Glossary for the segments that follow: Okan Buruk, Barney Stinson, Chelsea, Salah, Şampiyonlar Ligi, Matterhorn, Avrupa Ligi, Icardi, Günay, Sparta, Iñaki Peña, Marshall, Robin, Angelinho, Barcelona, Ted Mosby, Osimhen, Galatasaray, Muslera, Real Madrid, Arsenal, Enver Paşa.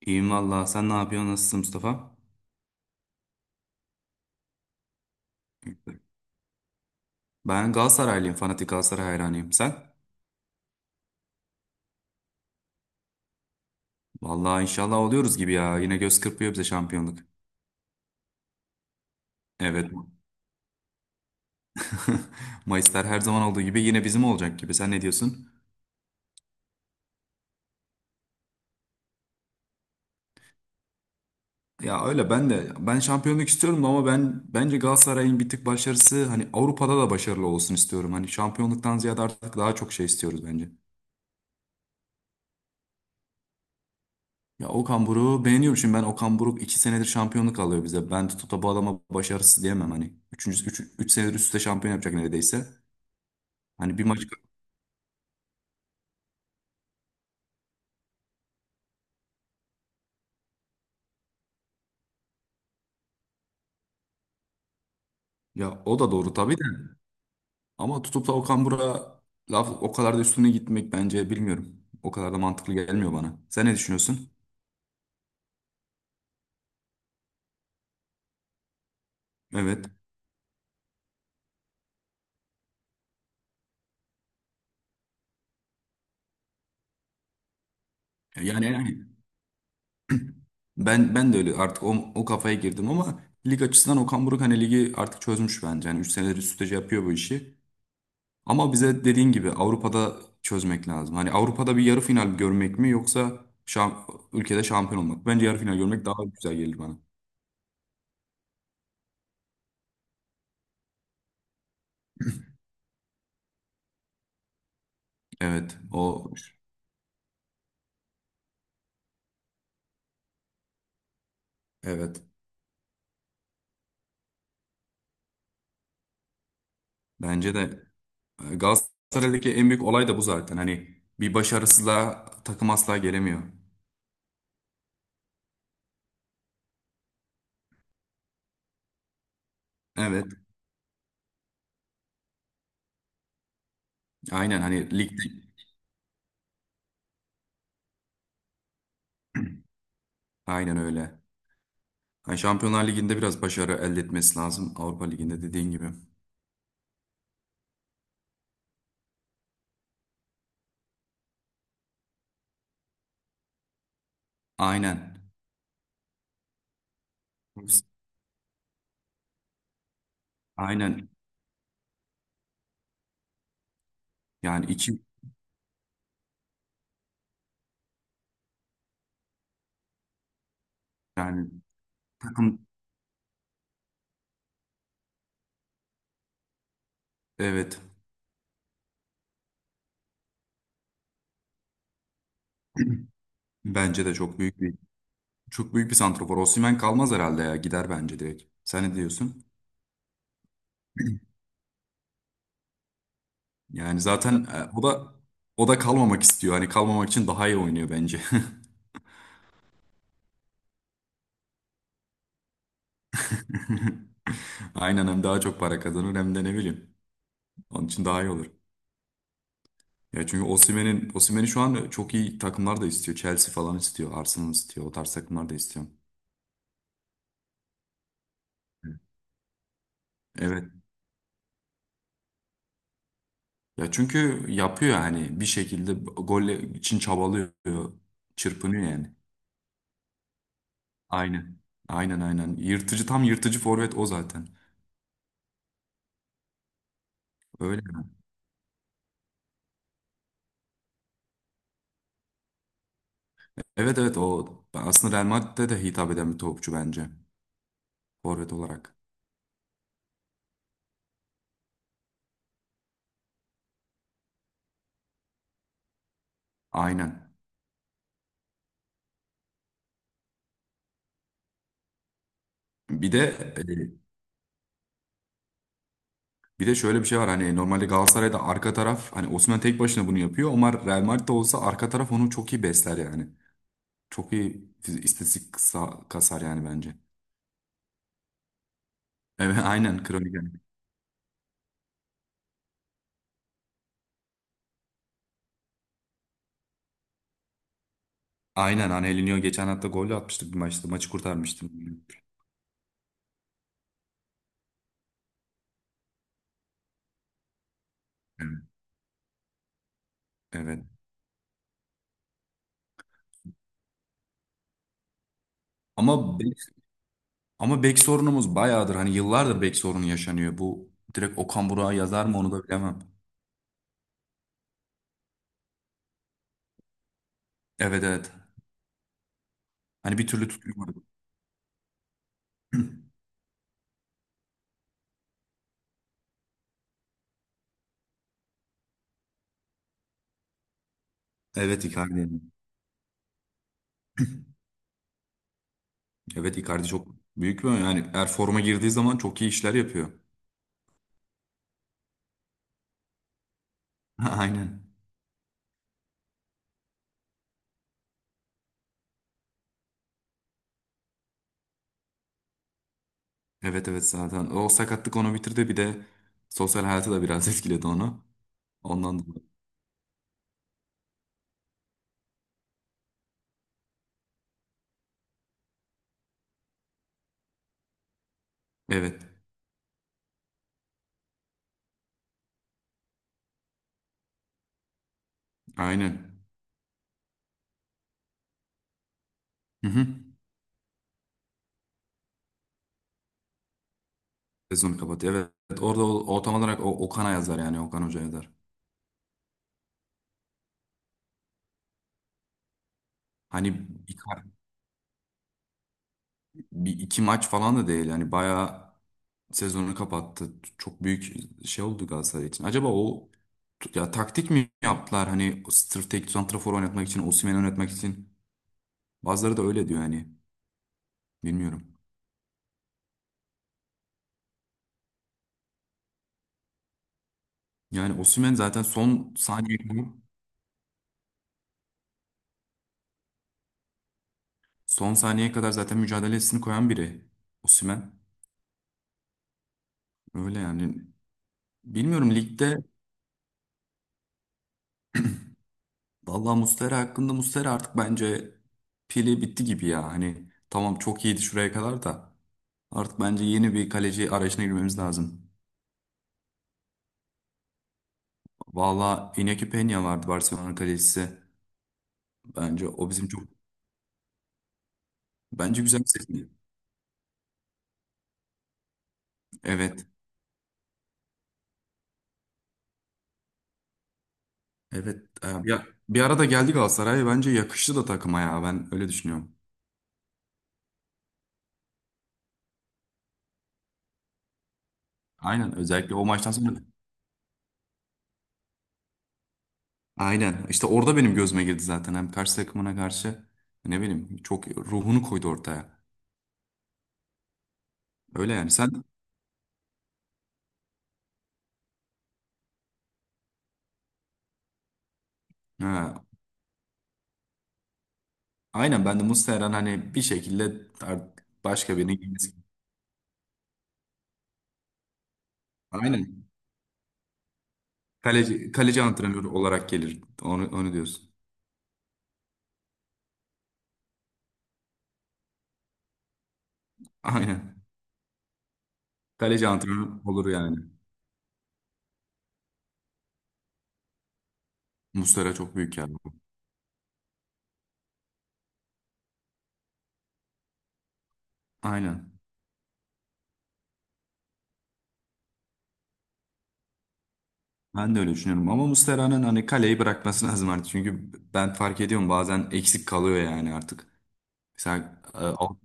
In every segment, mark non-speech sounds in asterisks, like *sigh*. İyiyim valla. Sen ne yapıyorsun? Nasılsın Mustafa? Ben Galatasaraylıyım. Fanatik Galatasaray hayranıyım. Sen? Valla inşallah oluyoruz gibi ya. Yine göz kırpıyor bize şampiyonluk. Evet. *laughs* Mayıslar her zaman olduğu gibi yine bizim olacak gibi. Sen ne diyorsun? Ya öyle ben de ben şampiyonluk istiyorum ama bence Galatasaray'ın bir tık başarısı hani Avrupa'da da başarılı olsun istiyorum. Hani şampiyonluktan ziyade artık daha çok şey istiyoruz bence. Ya Okan Buruk'u beğeniyorum şimdi ben Okan Buruk 2 senedir şampiyonluk alıyor bize. Ben tutup da bu adama başarısız diyemem hani. Üçüncü 3 3 senedir üst üste şampiyon yapacak neredeyse. Hani bir maç ya o da doğru tabii de ama tutup da Okan Buruk'a laf o kadar da üstüne gitmek bence bilmiyorum. O kadar da mantıklı gelmiyor bana. Sen ne düşünüyorsun? Evet. Yani, ben de öyle artık o kafaya girdim ama lig açısından Okan Buruk hani ligi artık çözmüş bence. Yani 3 senedir üst üste şey yapıyor bu işi. Ama bize dediğin gibi Avrupa'da çözmek lazım. Hani Avrupa'da bir yarı final görmek mi yoksa ülkede şampiyon olmak mı? Bence yarı final görmek daha güzel gelir bana. Evet, o, evet. Bence de Galatasaray'daki en büyük olay da bu zaten. Hani bir başarısızlığa takım asla gelemiyor. Evet, aynen hani ligde aynen öyle. Hani Şampiyonlar Ligi'nde biraz başarı elde etmesi lazım. Avrupa Ligi'nde dediğin gibi. Aynen. Aynen. Yani, iki, yani takım, evet. Bence de çok büyük bir santrafor. Osimhen kalmaz herhalde ya. Gider bence direkt. Sen ne diyorsun? Yani zaten o da kalmamak istiyor. Hani kalmamak için daha iyi oynuyor bence. *laughs* Aynen, hem daha çok para kazanır hem de ne bileyim. Onun için daha iyi olur. Ya çünkü Osimhen'i şu an çok iyi takımlar da istiyor. Chelsea falan istiyor, Arsenal istiyor. O tarz takımlar da istiyor. Evet. Ya çünkü yapıyor yani bir şekilde gol için çabalıyor, çırpınıyor yani. Aynen. Aynen, aynen. Yırtıcı tam yırtıcı forvet o zaten. Öyle mi? Evet, evet. O aslında Real Madrid'de de hitap eden bir topçu bence. Forvet olarak. Aynen. Bir de e, bir de şöyle bir şey var hani normalde Galatasaray'da arka taraf hani Osimhen tek başına bunu yapıyor ama Real Madrid'de olsa arka taraf onu çok iyi besler yani. Çok iyi istatistik kasar yani bence. *laughs* Evet, aynen kronik, yani. Aynen Angelinho geçen hafta golle atmıştık bir maçta. Maçı kurtarmıştım. Evet. Evet. Ama be- Ama bek sorunumuz bayağıdır. Hani yıllardır bek sorunu yaşanıyor. Bu direkt Okan Burak'a yazar mı onu da bilemem. Evet, evet. Hani bir türlü tutulmadı. Evet, Icardi. Evet, Icardi çok büyük bir yani eğer forma girdiği zaman çok iyi işler yapıyor. *laughs* Aynen. Evet, evet, zaten. O sakatlık onu bitirdi bir de sosyal hayatı da biraz *laughs* etkiledi onu. Ondan dolayı. Evet. Aynen. Hı hı. Sezonu kapatıyor. Evet. Orada o tam olarak o, Okan'a yazar yani Okan Hoca yazar. Hani Icardi bir iki maç falan da değil. Yani bayağı sezonu kapattı. Çok büyük şey oldu Galatasaray için. Acaba o ya taktik mi yaptılar? Hani sırf tek santrafor oynatmak için, Osimhen'i oynatmak için. Bazıları da öyle diyor yani. Bilmiyorum. Yani Osimhen zaten son saniyeye kadar zaten mücadelesini koyan biri. Osimhen. Öyle yani. Bilmiyorum ligde vallahi. Muslera hakkında Muslera artık bence pili bitti gibi ya. Hani tamam çok iyiydi şuraya kadar da. Artık bence yeni bir kaleci arayışına girmemiz lazım. Valla Iñaki Peña vardı Barcelona kalecisi. Bence o bizim çok bence güzel bir seçim. Evet. Evet. Bir arada geldi Galatasaray. Bence yakıştı da takıma ya. Ben öyle düşünüyorum. Aynen. Özellikle o maçtan sonra. Aynen. İşte orada benim gözüme girdi zaten. Hem karşı takımına karşı ne bileyim çok ruhunu koydu ortaya. Öyle yani. Ha, aynen ben de Muslera'nın hani bir şekilde başka birine girmesi. Aynen. Kaleci antrenörü olarak gelir. Onu diyorsun. *laughs* Aynen. Kaleci antrenörü olur yani. Muslera çok büyük yani. Aynen. Ben de öyle düşünüyorum. Ama Muslera'nın hani kaleyi bırakması lazım artık. Çünkü ben fark ediyorum bazen eksik kalıyor yani artık. Mesela.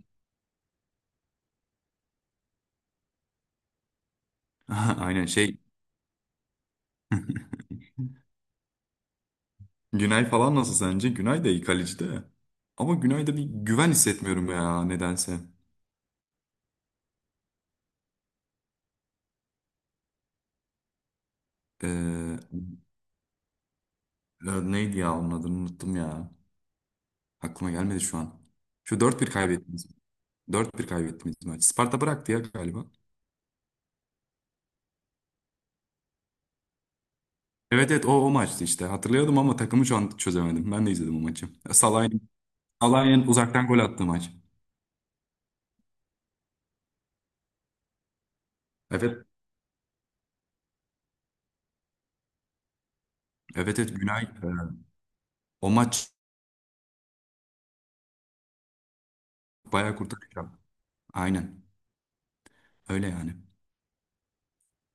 *laughs* Aynen Günay falan nasıl sence? Günay da iyi kaleci de. Ama Günay'da bir güven hissetmiyorum ya nedense. Ee, neydi ya onun adını unuttum ya. Aklıma gelmedi şu an. Şu 4-1 kaybetti. 4-1 kaybettiğimiz maç. Sparta bıraktı ya galiba. Evet, evet, o maçtı işte. Hatırlıyordum ama takımı şu an çözemedim. Ben de izledim o maçı. Salah'ın uzaktan gol attığı maç. Evet. Evet, evet, Günay. O maç bayağı kurtarıyor. Aynen. Öyle yani.